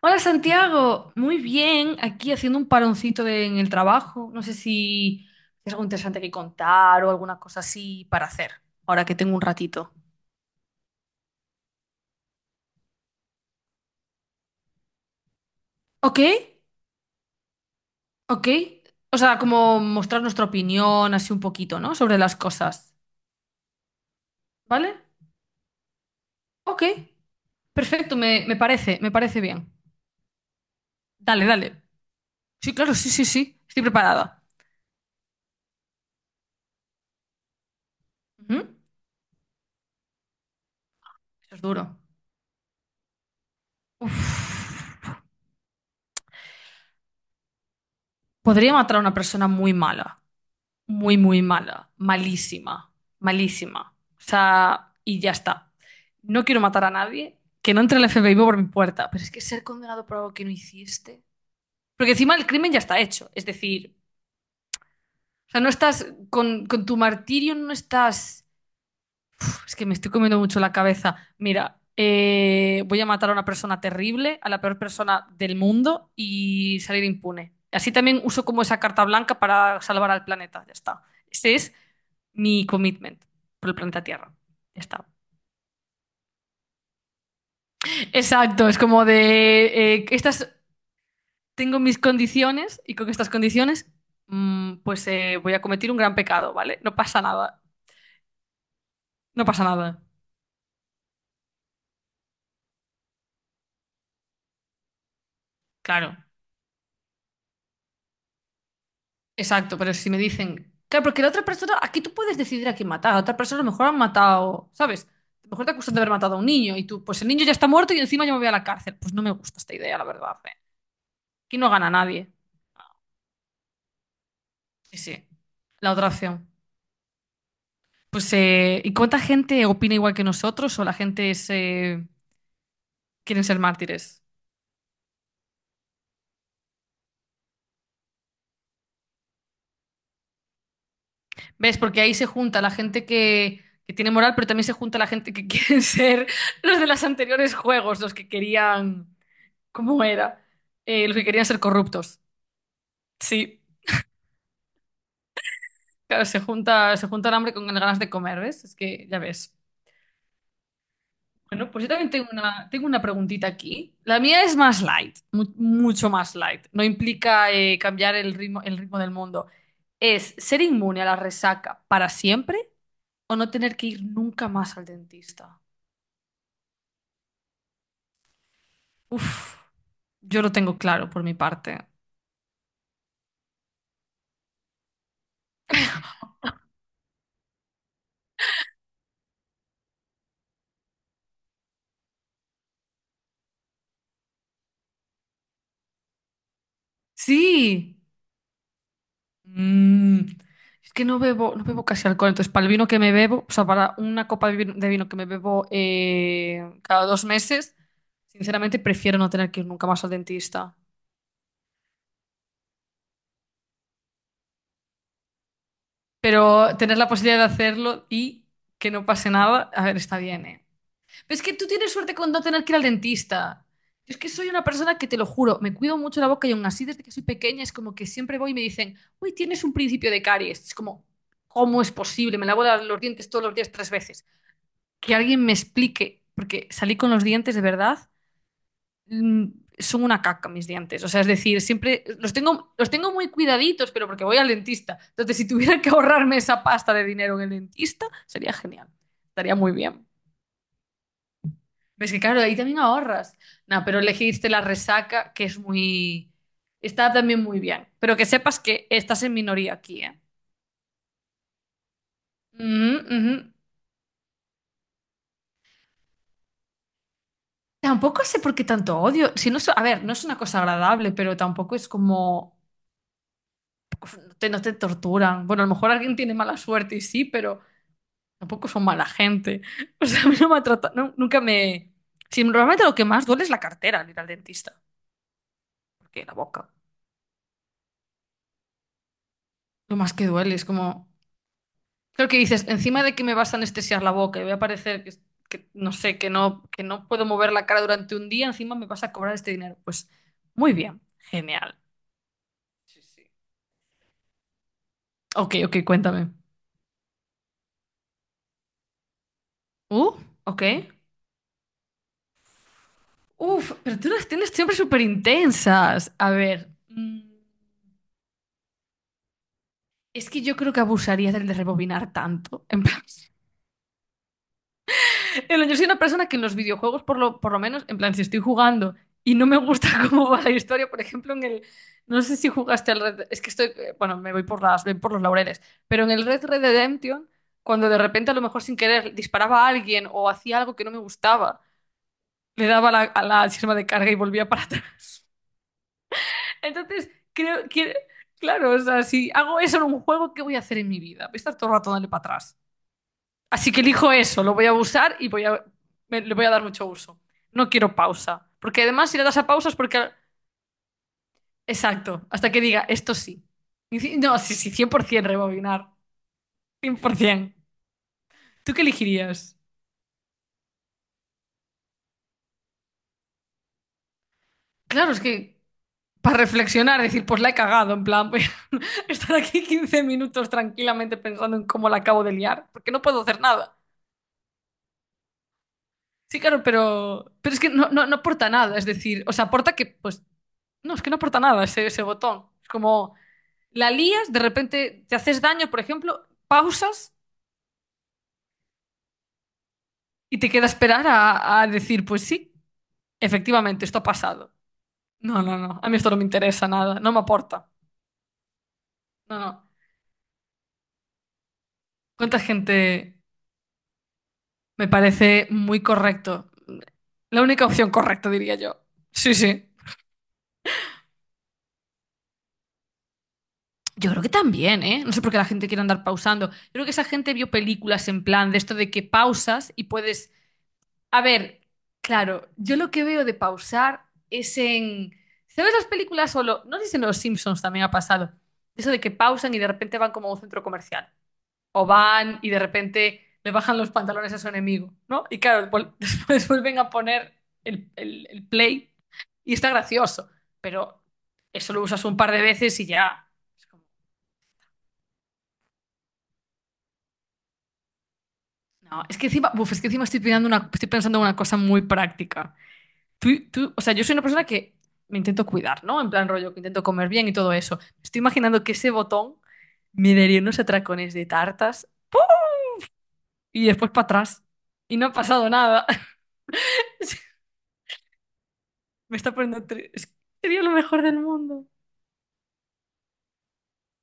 Hola Santiago, muy bien, aquí haciendo un paroncito en el trabajo. No sé si es algo interesante que contar o alguna cosa así para hacer, ahora que tengo un ratito. Ok, ok. O sea, como mostrar nuestra opinión así un poquito, ¿no? Sobre las cosas, ¿vale? Ok, perfecto, me parece bien. Dale, dale. Sí, claro, sí, sí, sí, estoy preparada. Ujú. Eso es duro. Uf. Podría matar a una persona muy mala, muy, muy mala, malísima, malísima. O sea, y ya está. No quiero matar a nadie, que no entre el FBI por mi puerta, pero es que ser condenado por algo que no hiciste. Porque encima el crimen ya está hecho, es decir, o sea, no estás con tu martirio, no estás... Uf, es que me estoy comiendo mucho la cabeza. Mira, voy a matar a una persona terrible, a la peor persona del mundo y salir impune. Así también uso como esa carta blanca para salvar al planeta, ya está. Ese es mi commitment por el planeta Tierra. Ya está. Exacto, es como de estas tengo mis condiciones y con estas condiciones pues voy a cometer un gran pecado, ¿vale? No pasa nada, no pasa nada. Claro, exacto, pero si me dicen, claro, porque la otra persona, aquí tú puedes decidir a quién matar, a otra persona a lo mejor han matado, ¿sabes? A lo mejor te acusan de haber matado a un niño y tú, pues el niño ya está muerto y encima yo me voy a la cárcel. Pues no me gusta esta idea, la verdad. ¿Eh? Aquí no gana nadie. Sí, sí. La otra opción. Pues, ¿y cuánta gente opina igual que nosotros o la gente es, quieren ser mártires? ¿Ves? Porque ahí se junta la gente que tiene moral, pero también se junta la gente que quieren ser los de los anteriores juegos, los que querían, ¿cómo era? Los que querían ser corruptos. Sí, claro, se junta el hambre con las ganas de comer, ¿ves? Es que ya ves. Bueno, pues yo también tengo una preguntita aquí. La mía es más light, mucho más light. No implica cambiar el ritmo del mundo. ¿Es ser inmune a la resaca para siempre o no tener que ir nunca más al dentista? Uf, yo lo tengo claro por mi parte. Sí. Mm, es que no bebo, no bebo casi alcohol. Entonces, para el vino que me bebo, o sea, para una copa de vino que me bebo cada 2 meses, sinceramente prefiero no tener que ir nunca más al dentista. Pero tener la posibilidad de hacerlo y que no pase nada, a ver, está bien, ¿eh? Pero es que tú tienes suerte con no tener que ir al dentista. Yo es que soy una persona que, te lo juro, me cuido mucho la boca y aún así desde que soy pequeña es como que siempre voy y me dicen, uy, tienes un principio de caries. Es como, ¿cómo es posible? Me lavo los dientes todos los días 3 veces. Que alguien me explique, porque salí con los dientes de verdad mm, son una caca mis dientes. O sea, es decir, siempre los tengo muy cuidaditos, pero porque voy al dentista. Entonces, si tuviera que ahorrarme esa pasta de dinero en el dentista, sería genial. Estaría muy bien. Ves que claro, ahí también ahorras. No, pero elegiste la resaca, que es muy... Está también muy bien. Pero que sepas que estás en minoría aquí, ¿eh? Ujú, ujú. Tampoco sé por qué tanto odio. Si no, a ver, no es una cosa agradable, pero tampoco es como... no te torturan. Bueno, a lo mejor alguien tiene mala suerte y sí, pero... Tampoco son mala gente. O sea, a mí no me ha tratado, nunca me... Sí, normalmente lo que más duele es la cartera al ir al dentista, porque la boca. Lo más que duele es como... Creo que dices, encima de que me vas a anestesiar la boca y voy a parecer que no sé, que no puedo mover la cara durante un día, encima me vas a cobrar este dinero. Pues muy bien, genial. Sí, sí. Ok, ok, cuéntame. Uh, ok. Uf, pero tú las tienes siempre súper intensas. A ver, es que yo creo que abusaría del de rebobinar tanto. Yo soy una persona que en los videojuegos, por lo menos, en plan, si estoy jugando y no me gusta cómo va la historia, por ejemplo, en el. No sé si jugaste al Red. Es que estoy. Bueno, me voy por voy por los laureles. Pero en el Red Redemption, cuando de repente, a lo mejor sin querer, disparaba a alguien o hacía algo que no me gustaba, le daba a a la sirma de carga y volvía para atrás. Entonces, creo que. Claro, o sea, si hago eso en un juego, ¿qué voy a hacer en mi vida? Voy a estar todo el rato dándole para atrás. Así que elijo eso, lo voy a usar y voy a, le voy a dar mucho uso. No quiero pausa, porque además si le das a pausa es porque... Exacto, hasta que diga, esto sí. No, sí, sí, 100% rebobinar, 100%. ¿Tú qué elegirías? Claro, es que para reflexionar, decir, pues la he cagado, en plan, voy a estar aquí 15 minutos tranquilamente pensando en cómo la acabo de liar, porque no puedo hacer nada. Sí, claro, pero es que no, no, no aporta nada, es decir, o sea, aporta que, pues, no, es que no aporta nada ese, ese botón. Es como... La lías, de repente te haces daño, por ejemplo, pausas y te queda esperar a decir, pues sí, efectivamente, esto ha pasado. No, no, no, a mí esto no me interesa nada, no me aporta. No, no. ¿Cuánta gente me parece muy correcto? La única opción correcta, diría yo. Sí, sí. Yo creo que también, ¿eh? No sé por qué la gente quiere andar pausando. Yo creo que esa gente vio películas en plan de esto de que pausas y puedes. A ver, claro, yo lo que veo de pausar es en... ¿Sabes las películas solo? No sé si en Los Simpsons también ha pasado. Eso de que pausan y de repente van como a un centro comercial. O van y de repente le bajan los pantalones a su enemigo, ¿no? Y claro, después vuelven a poner el play y está gracioso. Pero eso lo usas un par de veces y ya. Es como, no, es que encima, uf, es que encima estoy pensando una, estoy pensando en una cosa muy práctica. O sea, yo soy una persona que me intento cuidar, ¿no? En plan rollo, que intento comer bien y todo eso. Me estoy imaginando que ese botón me daría unos atracones de tartas y después para atrás. Y no ha pasado nada. Me está poniendo es que sería lo mejor del mundo.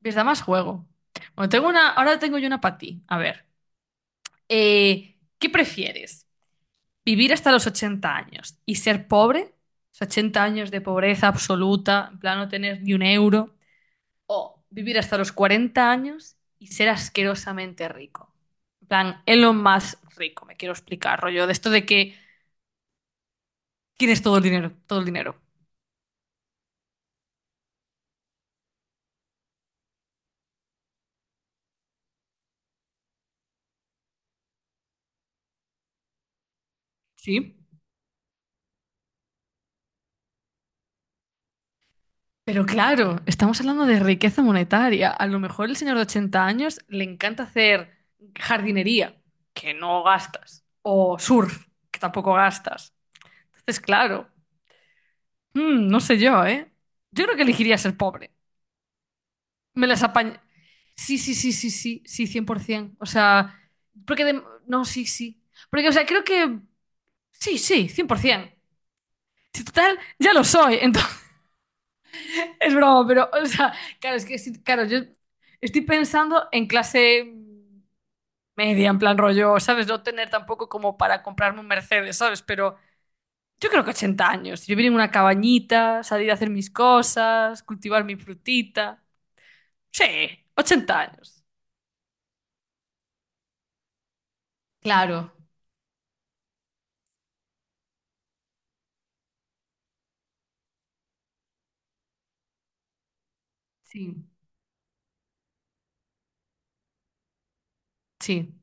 ¿Ves? Da más juego. Bueno, tengo una, ahora tengo yo una para ti. A ver, ¿qué prefieres? ¿Vivir hasta los 80 años y ser pobre? O sea, 80 años de pobreza absoluta, en plan no tener ni un euro. O vivir hasta los 40 años y ser asquerosamente rico. En plan, Elon más rico, me quiero explicar, rollo, de esto de que tienes todo el dinero, todo el dinero. Sí. Pero claro, estamos hablando de riqueza monetaria. A lo mejor el señor de 80 años le encanta hacer jardinería, que no gastas, o surf, que tampoco gastas. Entonces, claro, no sé yo, ¿eh? Yo creo que elegiría ser pobre. Me las apañé. Sí, sí, sí, sí, sí, sí, 100%. O sea, porque de... No, sí, sí. Porque, o sea, creo que... Sí, sí, 100%. Si total, ya lo soy. Entonces, es broma, pero, o sea, claro, es que, sí, claro, yo estoy pensando en clase media, en plan rollo, ¿sabes? No tener tampoco como para comprarme un Mercedes, ¿sabes? Pero yo creo que 80 años. Vivir en una cabañita, salir a hacer mis cosas, cultivar mi frutita. Sí, 80 años. Claro. Sí. Sí,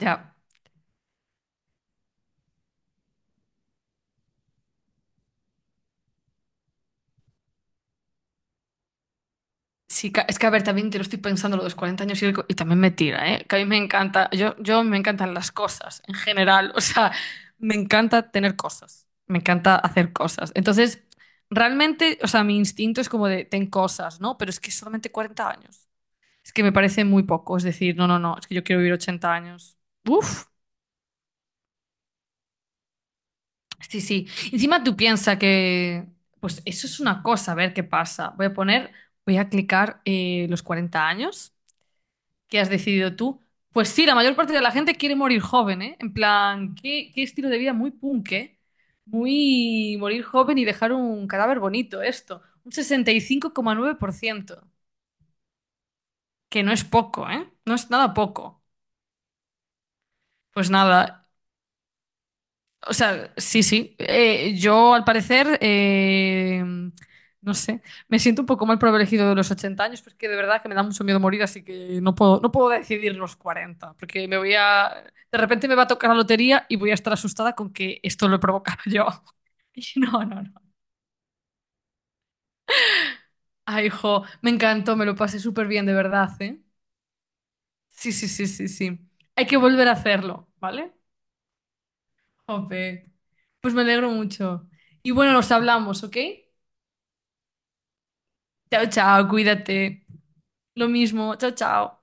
ya. Sí, es que a ver, también te lo estoy pensando lo de los 40 años y también me tira, ¿eh? Que a mí me encanta, yo me encantan las cosas en general, o sea, me encanta tener cosas, me encanta hacer cosas. Entonces, realmente, o sea, mi instinto es como de, ten cosas, ¿no? Pero es que solamente 40 años. Es que me parece muy poco, es decir, no, no, no, es que yo quiero vivir 80 años. Uf, sí, sí. Encima tú piensas que, pues eso es una cosa, a ver qué pasa. Voy a poner, voy a clicar los 40 años. Que has decidido tú. Pues sí, la mayor parte de la gente quiere morir joven, ¿eh? En plan, qué, qué estilo de vida muy punk, ¿eh? Muy morir joven y dejar un cadáver bonito, esto. Un 65,9%, que no es poco, ¿eh? No es nada poco. Pues nada, o sea, sí, sí. Yo, al parecer, no sé, me siento un poco mal por haber elegido de los 80 años, porque de verdad que me da mucho miedo morir, así que no puedo, no puedo decidir los 40, porque me voy a... De repente me va a tocar la lotería y voy a estar asustada con que esto lo he provocado yo. No, no, no. Ay, hijo, me encantó, me lo pasé súper bien, de verdad, ¿eh? Sí, sí, sí, sí, sí. Hay que volver a hacerlo, ¿vale? Jope. Pues me alegro mucho. Y bueno, nos hablamos, ¿ok? Chao, chao, cuídate. Lo mismo, chao, chao.